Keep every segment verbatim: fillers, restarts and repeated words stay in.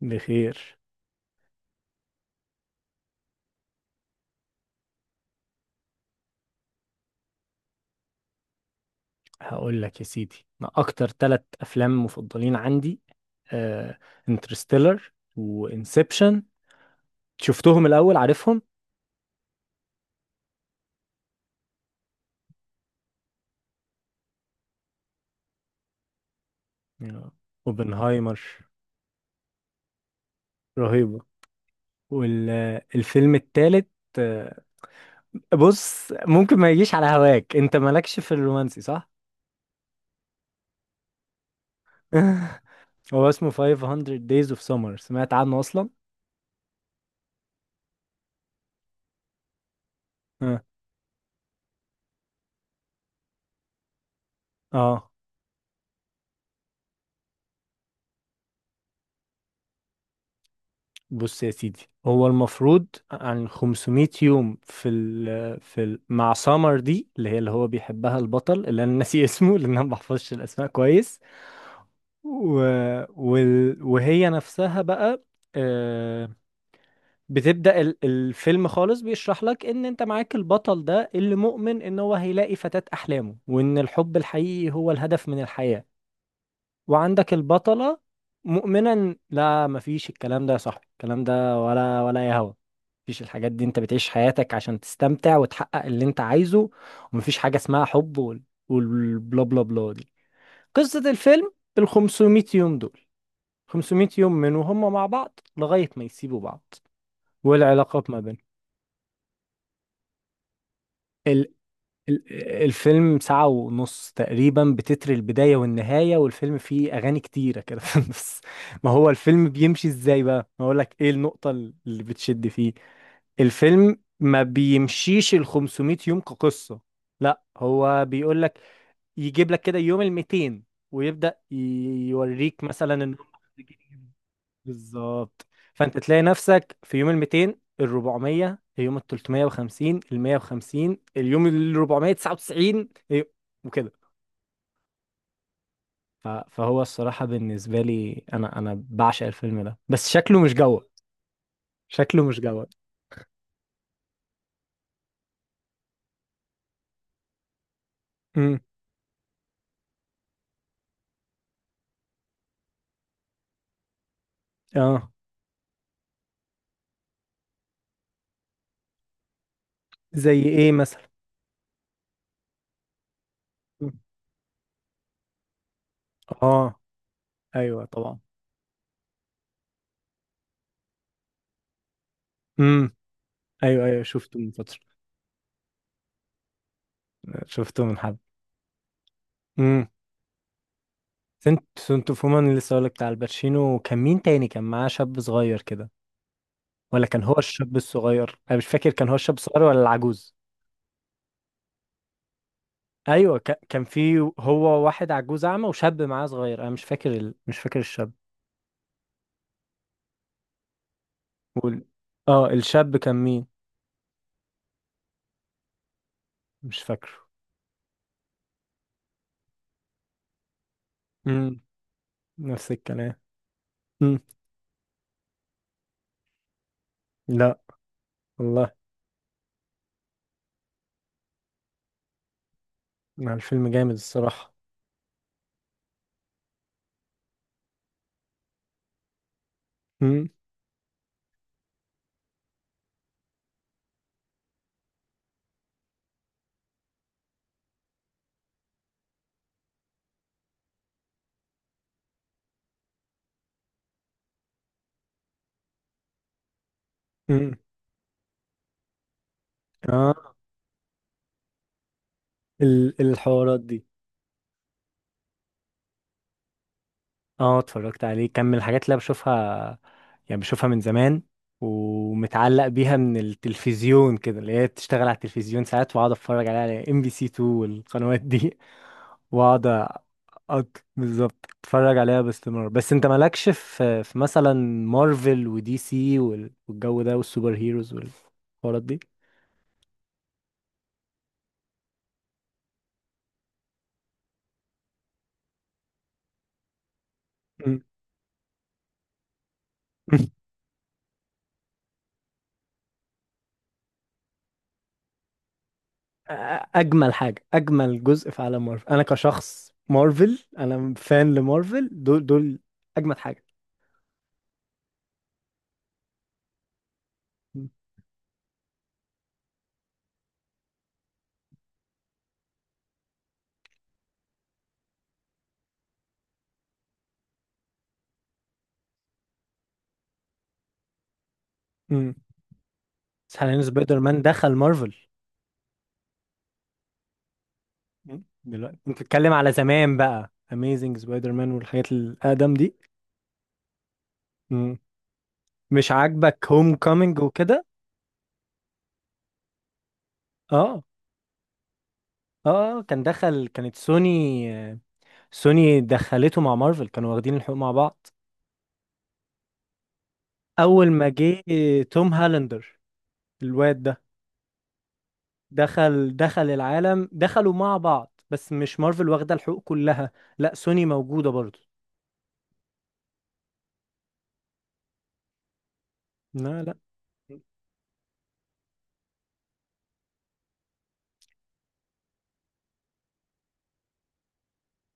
بخير. هقول لك يا سيدي، انا اكتر ثلاث افلام مفضلين عندي انترستيلر وانسبشن. شفتهم الاول؟ عارفهم. يا اوبنهايمر، رهيبه. والفيلم الثالث، بص ممكن ما يجيش على هواك، انت مالكش في الرومانسي صح؟ هو اسمه five hundred Days of Summer، سمعت عنه اصلا؟ اه. آه. بص يا سيدي، هو المفروض عن خمسمائة يوم في ال في ال مع سامر دي اللي هي اللي هو بيحبها البطل اللي انا ناسي اسمه لان انا ما بحفظش الاسماء كويس. و وال وهي نفسها بقى، آه، بتبدأ ال- الفيلم خالص بيشرح لك ان انت معاك البطل ده اللي مؤمن ان هو هيلاقي فتاة احلامه، وان الحب الحقيقي هو الهدف من الحياة. وعندك البطلة مؤمنة إن- لا، مفيش الكلام ده يا صاحبي، الكلام ده ولا ولا يا هوا. مفيش الحاجات دي، انت بتعيش حياتك عشان تستمتع وتحقق اللي انت عايزه، ومفيش حاجة اسمها حب وال... والبلا بلا بلا دي. قصة الفيلم، ال خمس مية يوم دول، خمسمية يوم من وهم مع بعض لغاية ما يسيبوا بعض والعلاقات ما بينهم. ال- الفيلم ساعة ونص تقريبا بتتر البداية والنهاية، والفيلم فيه أغاني كتيرة كده في النص. ما هو الفيلم بيمشي إزاي بقى؟ ما أقولك إيه النقطة اللي بتشد فيه. الفيلم ما بيمشيش ال خمسمية يوم كقصة، لا هو بيقولك، يجيب لك كده يوم ال ميتين ويبدأ ي- يوريك مثلا إن، بالظبط. فانت تلاقي نفسك في يوم ال ميتين، ال اربعمية، اليوم ال تلتمية وخمسين، ال مية وخمسين، اليوم ال اربعمية وتسعة وتسعين إيه، وكده. ف- فهو الصراحة بالنسبة لي، انا انا بعشق الفيلم ده، بس شكله مش جوه. شكله مش جوه. امم. اه. زي ايه مثلا؟ مم. اه. ايوه طبعا. امم. ايوه، ايوه شفته من فترة. شفته من حبة. امم. سنت سنت فومان، اللي لسه هقولك بتاع الباتشينو، كان مين تاني؟ كان معاه شاب صغير كده، ولا كان هو الشاب الصغير؟ انا مش فاكر، كان هو الشاب الصغير ولا العجوز؟ ايوه، ك... كان في، هو واحد عجوز اعمى وشاب معاه صغير، انا مش فاكر ال... مش فاكر الشاب. وال... اه الشاب كان مين؟ مش فاكره. امم. نفس الكلام. امم. لا والله. مع الفيلم جامد الصراحة. امم. امم. اه. ال... الحوارات دي، اه اتفرجت عليه، كان من الحاجات اللي أنا بشوفها، يعني بشوفها من زمان، ومتعلق بيها من التلفزيون كده، اللي هي بتشتغل على التلفزيون ساعات واقعد اتفرج عليها على ام بي سي تو والقنوات دي واقعد أت... بالظبط اتفرج عليها باستمرار. بس انت مالكش في في مثلا مارفل ودي سي وال- والجو ده والسوبر هيروز والحوارات دي. مم. اجمل حاجه اجمل جزء في عالم مارفل، انا كشخص مارفل، انا فان لمارفل، دول دول اجمد حاجه. امم. بس حاليا سبايدر مان دخل مارفل. مم. دلوقتي انت بتتكلم على زمان بقى، اميزنج سبايدر مان والحاجات الاقدم دي. مم. مش عاجبك هوم كومينج وكده؟ اه. اه، آه، كان دخل، كانت سوني. سوني دخلته مع مارفل، كانوا واخدين الحقوق مع بعض. اول ما جه توم هالندر الواد ده، دخل دخل العالم، دخلوا مع بعض، بس مش مارفل واخده الحقوق كلها، لا سوني موجوده برضه. لا، لا.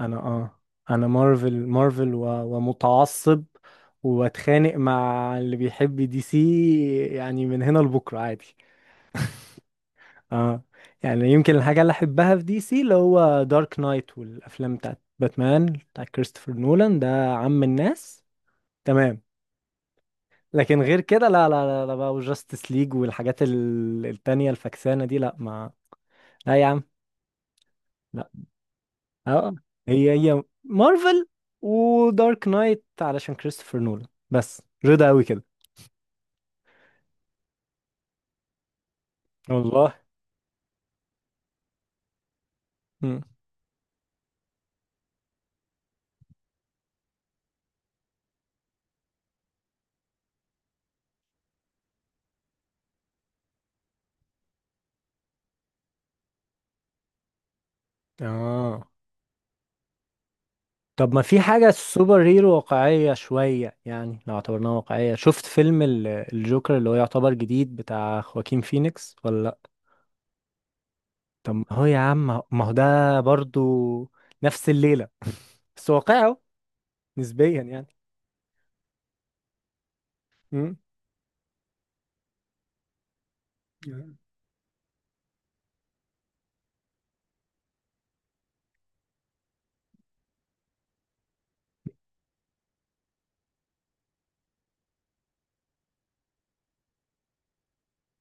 انا اه، انا مارفل مارفل، و... ومتعصب، واتخانق مع اللي بيحب دي سي يعني من هنا لبكره عادي. اه. يعني يمكن الحاجه اللي احبها في دي سي اللي هو دارك نايت والافلام بتاعت باتمان بتاع كريستوفر نولان ده عم الناس، تمام. لكن غير كده لا، لا، لا، لا بقى وجاستس ليج والحاجات ال- التانية الفكسانه دي، لا ما لا يا عم. اه. هي هي مارفل، ودارك نايت علشان كريستوفر نولان بس رضا قوي كده. والله. مم. اه، طب ما في حاجة سوبر هيرو واقعية شوية، يعني لو اعتبرناها واقعية، شفت فيلم ال- الجوكر اللي هو يعتبر جديد بتاع خواكين فينيكس ولا لأ؟ طب هو يا عم ما هو ده برضو نفس الليلة، بس واقعه نسبيا يعني. مم.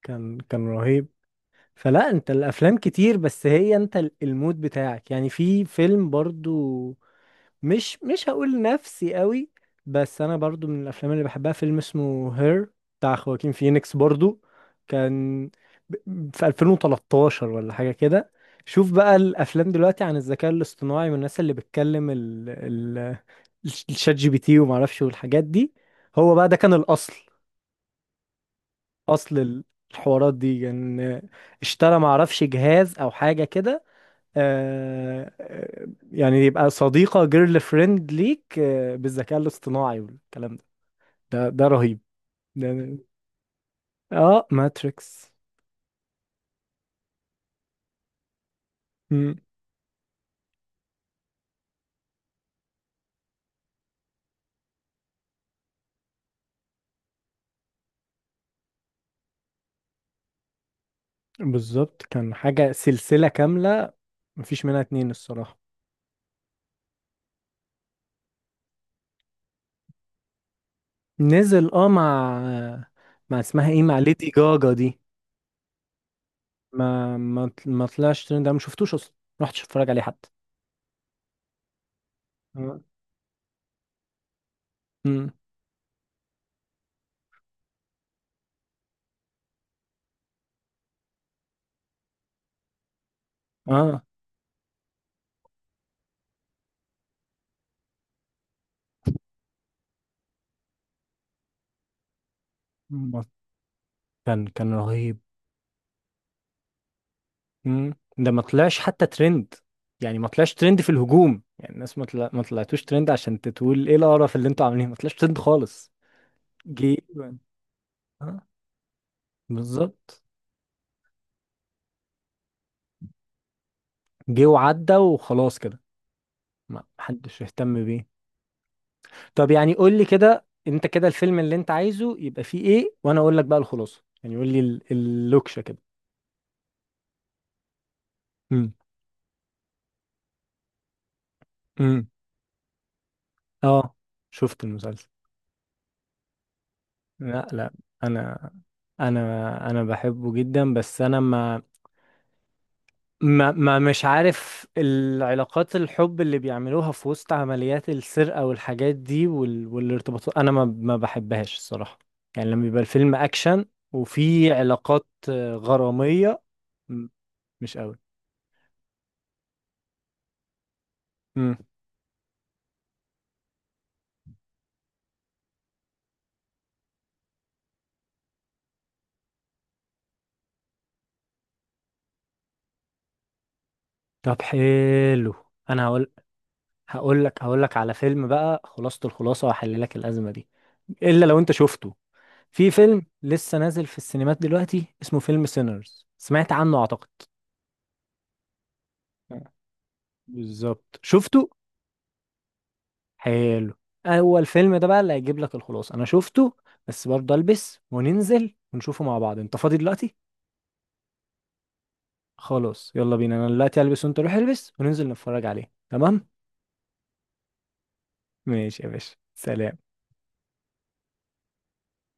كان كان رهيب. فلا انت الافلام كتير، بس هي انت ال- المود بتاعك، يعني في فيلم برضو، مش مش هقول نفسي قوي، بس انا برضو من الافلام اللي بحبها فيلم اسمه هير بتاع خواكين فينيكس برضو، كان ب- في الفين وتلتاشر ولا حاجة كده. شوف بقى الافلام دلوقتي عن الذكاء الاصطناعي والناس اللي بتكلم ال ال الشات جي بي تي وما اعرفش والحاجات دي، هو بقى ده كان الاصل، اصل الحوارات دي ان يعني اشترى معرفش جهاز او حاجه كده، آه، آه، يعني يبقى صديقه، جيرل فريند ليك آه، بالذكاء الاصطناعي والكلام ده، ده ده رهيب. ده اه ماتريكس. مم، بالظبط كان حاجه سلسله كامله مفيش منها اتنين الصراحه. نزل، اه مع مع اسمها ايه، مع ليدي جاجا دي. ما ما ما طلعش ترند، انا ما شفتوش اصلا، ما رحتش اتفرج عليه حتى. آه. مم. اه. كان كان رهيب. مم. ده ما طلعش حتى ترند، يعني ما طلعش ترند في الهجوم، يعني الناس ما طلع... ما طلعتوش ترند عشان تقول ايه القرف اللي انتوا عاملينه، ما طلعش ترند خالص. جه تقريبا، آه، بالظبط. جه وعدى وخلاص كده، ما حدش اهتم بيه. طب يعني قول لي كده، انت كده الفيلم اللي انت عايزه يبقى فيه ايه وانا اقول لك بقى الخلاصه، يعني قول لي ال- اللوكشه كده. امم. امم. اه شفت المسلسل. لا، لا. انا انا انا بحبه جدا، بس انا ما ما, ما مش عارف العلاقات، الحب اللي بيعملوها في وسط عمليات السرقة والحاجات دي وال... والارتباطات أنا ما, ما بحبهاش الصراحة، يعني لما بيبقى الفيلم أكشن وفي علاقات آه، غرامية، م- مش قوي. مم. طب حلو، أنا هقول، هقول لك هقول لك على فيلم بقى خلاصة الخلاصة وأحل لك الأزمة دي، إلا لو أنت شفته، في فيلم لسه نازل في السينمات دلوقتي اسمه فيلم سينرز، سمعت عنه أعتقد؟ آه. بالظبط شفته. حلو. اول فيلم ده بقى اللي هيجيب لك الخلاصه، انا شفته بس برضه البس وننزل ونشوفه مع بعض، انت فاضي دلوقتي؟ خلاص يلا بينا، انا دلوقتي البس وانت روح البس وننزل نتفرج عليه، تمام؟ ماشي يا باشا، سلام.